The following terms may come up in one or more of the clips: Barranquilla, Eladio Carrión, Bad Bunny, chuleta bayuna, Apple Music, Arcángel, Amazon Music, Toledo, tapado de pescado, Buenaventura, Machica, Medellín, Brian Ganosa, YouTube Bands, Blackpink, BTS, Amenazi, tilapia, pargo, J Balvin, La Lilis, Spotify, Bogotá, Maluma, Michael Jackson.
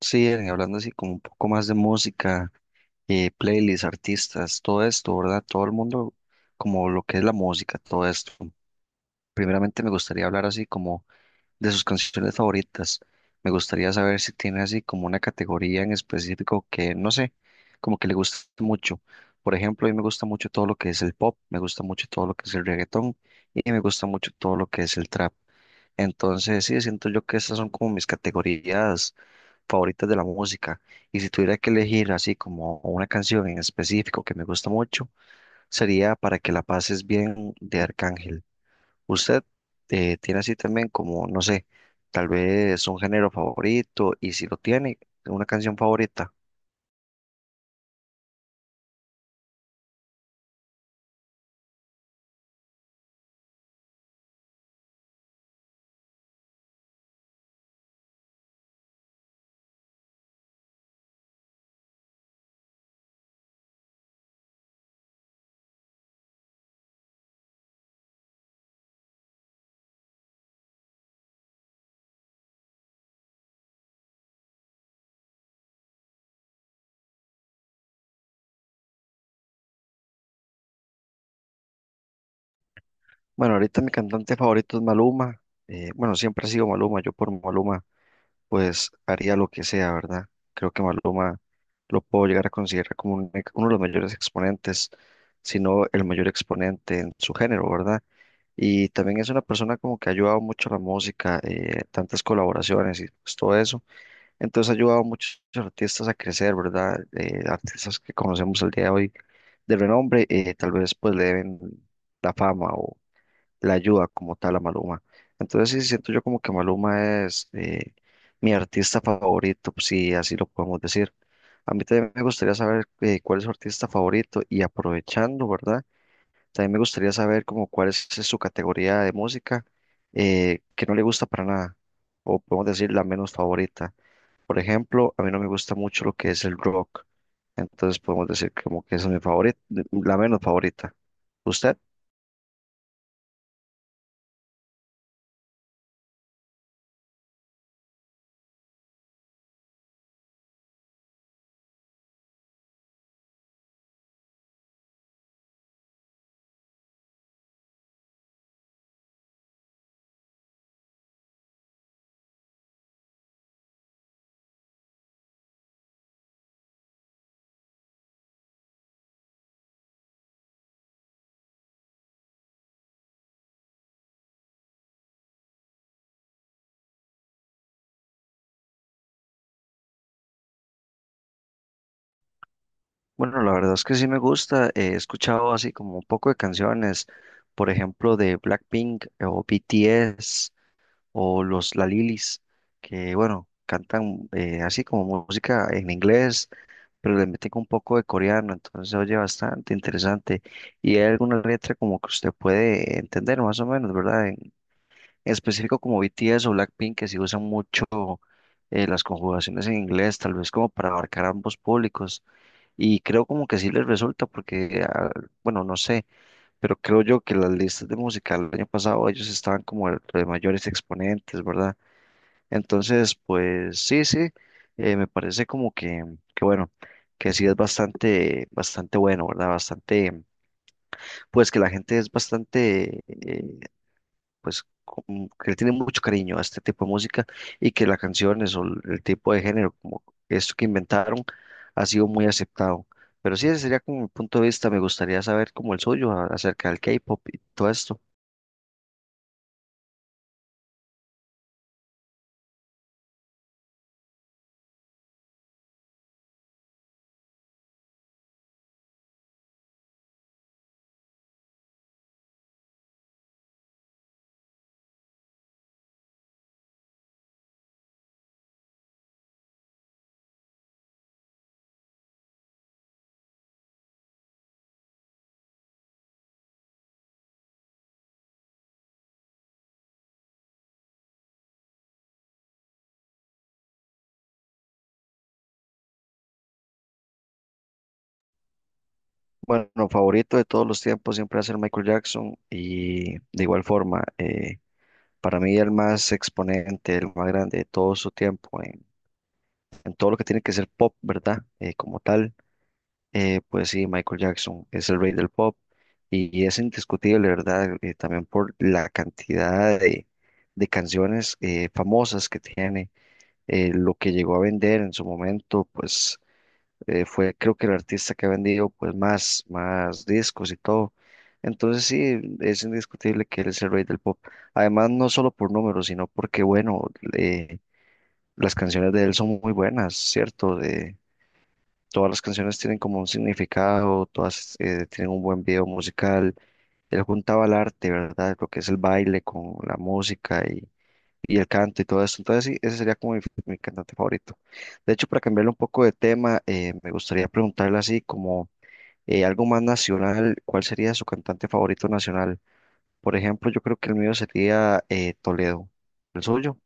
Sí, Eren, hablando así como un poco más de música, playlists, artistas, todo esto, ¿verdad? Todo el mundo, como lo que es la música, todo esto. Primeramente me gustaría hablar así como de sus canciones favoritas. Me gustaría saber si tiene así como una categoría en específico que, no sé, como que le guste mucho. Por ejemplo, a mí me gusta mucho todo lo que es el pop, me gusta mucho todo lo que es el reggaetón y me gusta mucho todo lo que es el trap. Entonces, sí, siento yo que estas son como mis categorías favoritas de la música. Y si tuviera que elegir así como una canción en específico que me gusta mucho, sería Para que la pases bien de Arcángel. ¿Usted tiene así también como, no sé, tal vez un género favorito? Y si lo tiene, una canción favorita. Bueno, ahorita mi cantante favorito es Maluma. Bueno, siempre ha sido Maluma. Yo por Maluma pues haría lo que sea, ¿verdad? Creo que Maluma lo puedo llegar a considerar como uno de los mayores exponentes, si no el mayor exponente en su género, ¿verdad? Y también es una persona como que ha ayudado mucho a la música, tantas colaboraciones y pues todo eso. Entonces ha ayudado a muchos artistas a crecer, ¿verdad? Artistas que conocemos el día de hoy de renombre, tal vez pues le deben la fama la ayuda como tal a Maluma. Entonces sí siento yo como que Maluma es mi artista favorito, pues, si así lo podemos decir. A mí también me gustaría saber cuál es su artista favorito y aprovechando, ¿verdad? También me gustaría saber como cuál es su categoría de música que no le gusta para nada, o podemos decir la menos favorita. Por ejemplo, a mí no me gusta mucho lo que es el rock, entonces podemos decir como que esa es mi favorita, la menos favorita. ¿Usted? Bueno, la verdad es que sí me gusta. He escuchado así como un poco de canciones, por ejemplo, de Blackpink o BTS o los La Lilis, que bueno, cantan así como música en inglés, pero le meten un poco de coreano, entonces se oye bastante interesante. Y hay alguna letra como que usted puede entender más o menos, ¿verdad? En específico como BTS o Blackpink, que sí usan mucho las conjugaciones en inglés, tal vez como para abarcar ambos públicos. Y creo como que sí les resulta porque, ah, bueno, no sé, pero creo yo que las listas de música el año pasado ellos estaban como de mayores exponentes, ¿verdad? Entonces, pues sí, me parece como que bueno, que sí es bastante bueno, ¿verdad? Bastante, pues que la gente es bastante, pues como que le tiene mucho cariño a este tipo de música y que las canciones o el tipo de género como esto que inventaron ha sido muy aceptado. Pero sí, ese sería como mi punto de vista. Me gustaría saber como el suyo acerca del K-pop y todo esto. Bueno, favorito de todos los tiempos siempre va a ser Michael Jackson y de igual forma, para mí el más exponente, el más grande de todo su tiempo en todo lo que tiene que ser pop, ¿verdad? Como tal. Pues sí, Michael Jackson es el rey del pop y es indiscutible, ¿verdad? También por la cantidad de canciones famosas que tiene, lo que llegó a vender en su momento, pues fue creo que el artista que ha vendido pues más discos y todo. Entonces sí, es indiscutible que él es el rey del pop. Además, no solo por números, sino porque, bueno, eh, las canciones de él son muy buenas, ¿cierto? Todas las canciones tienen como un significado, todas tienen un buen video musical. Él juntaba el arte, ¿verdad? Lo que es el baile con la música y el canto y todo eso. Entonces, ese sería como mi cantante favorito. De hecho, para cambiarle un poco de tema, me gustaría preguntarle así como algo más nacional, ¿cuál sería su cantante favorito nacional? Por ejemplo, yo creo que el mío sería Toledo. ¿El suyo?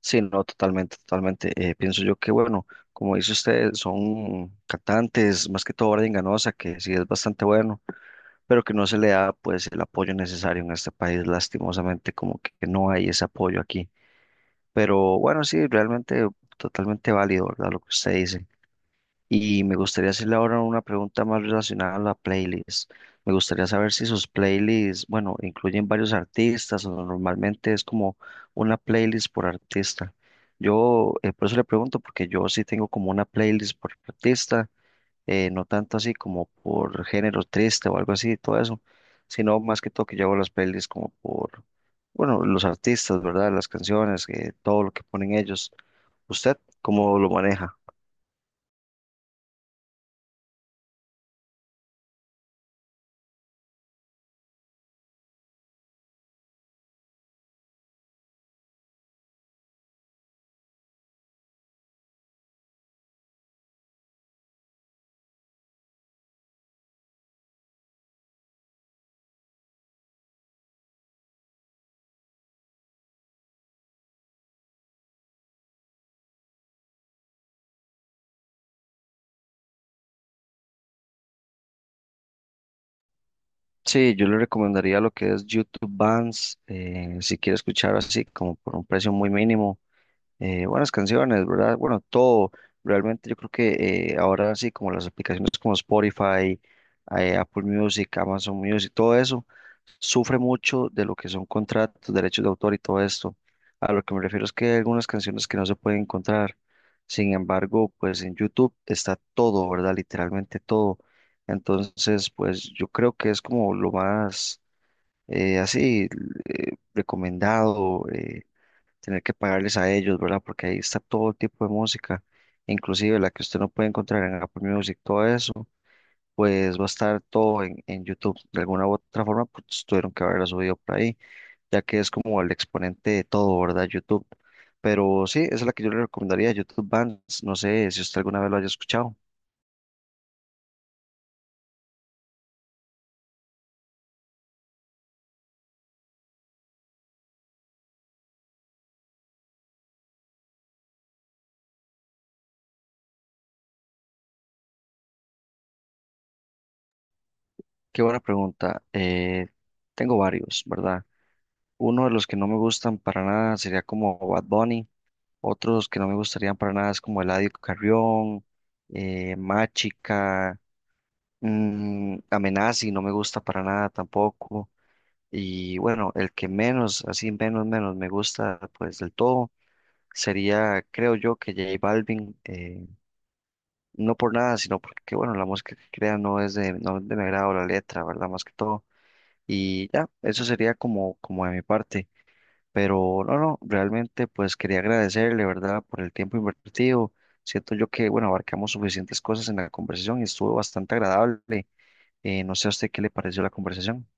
Sí, no, totalmente. Pienso yo que, bueno, como dice usted, son cantantes, más que todo Brian Ganosa, que sí es bastante bueno, pero que no se le da pues el apoyo necesario en este país, lastimosamente, como que no hay ese apoyo aquí. Pero bueno, sí, realmente totalmente válido, ¿verdad? Lo que usted dice. Y me gustaría hacerle ahora una pregunta más relacionada a la playlist. Me gustaría saber si sus playlists, bueno, incluyen varios artistas o normalmente es como una playlist por artista. Yo, por eso le pregunto, porque yo sí tengo como una playlist por artista, no tanto así como por género triste o algo así, y todo eso, sino más que todo que yo hago las playlists como por, bueno, los artistas, ¿verdad? Las canciones, todo lo que ponen ellos. ¿Usted cómo lo maneja? Sí, yo le recomendaría lo que es YouTube Bands, si quiere escuchar así como por un precio muy mínimo, buenas canciones, ¿verdad? Bueno, todo, realmente yo creo que ahora sí como las aplicaciones como Spotify, Apple Music, Amazon Music, todo eso sufre mucho de lo que son contratos, derechos de autor y todo esto. A lo que me refiero es que hay algunas canciones que no se pueden encontrar. Sin embargo, pues en YouTube está todo, ¿verdad? Literalmente todo. Entonces, pues yo creo que es como lo más así recomendado, tener que pagarles a ellos, ¿verdad? Porque ahí está todo tipo de música, inclusive la que usted no puede encontrar en Apple Music, todo eso pues va a estar todo en YouTube. De alguna u otra forma, pues tuvieron que haberla subido por ahí, ya que es como el exponente de todo, ¿verdad? YouTube. Pero sí, esa es la que yo le recomendaría, YouTube Bands. No sé si usted alguna vez lo haya escuchado. Qué buena pregunta. Tengo varios, ¿verdad? Uno de los que no me gustan para nada sería como Bad Bunny. Otros que no me gustarían para nada es como Eladio Carrión, Machica, Amenazi, no me gusta para nada tampoco. Y bueno, el que menos, así menos me gusta, pues del todo, sería, creo yo, que J Balvin, no por nada, sino porque, bueno, la música que crea no es no es de mi agrado la letra, ¿verdad? Más que todo. Y ya, eso sería como, como de mi parte. Pero no, no, realmente pues quería agradecerle, ¿verdad? Por el tiempo invertido. Siento yo que, bueno, abarcamos suficientes cosas en la conversación y estuvo bastante agradable. No sé a usted qué le pareció la conversación.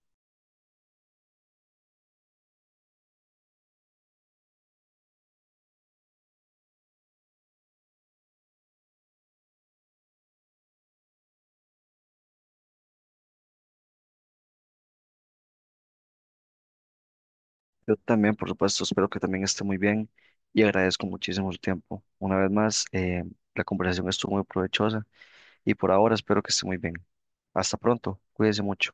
Yo también, por supuesto, espero que también esté muy bien y agradezco muchísimo su tiempo. Una vez más, la conversación estuvo muy provechosa y por ahora espero que esté muy bien. Hasta pronto, cuídese mucho.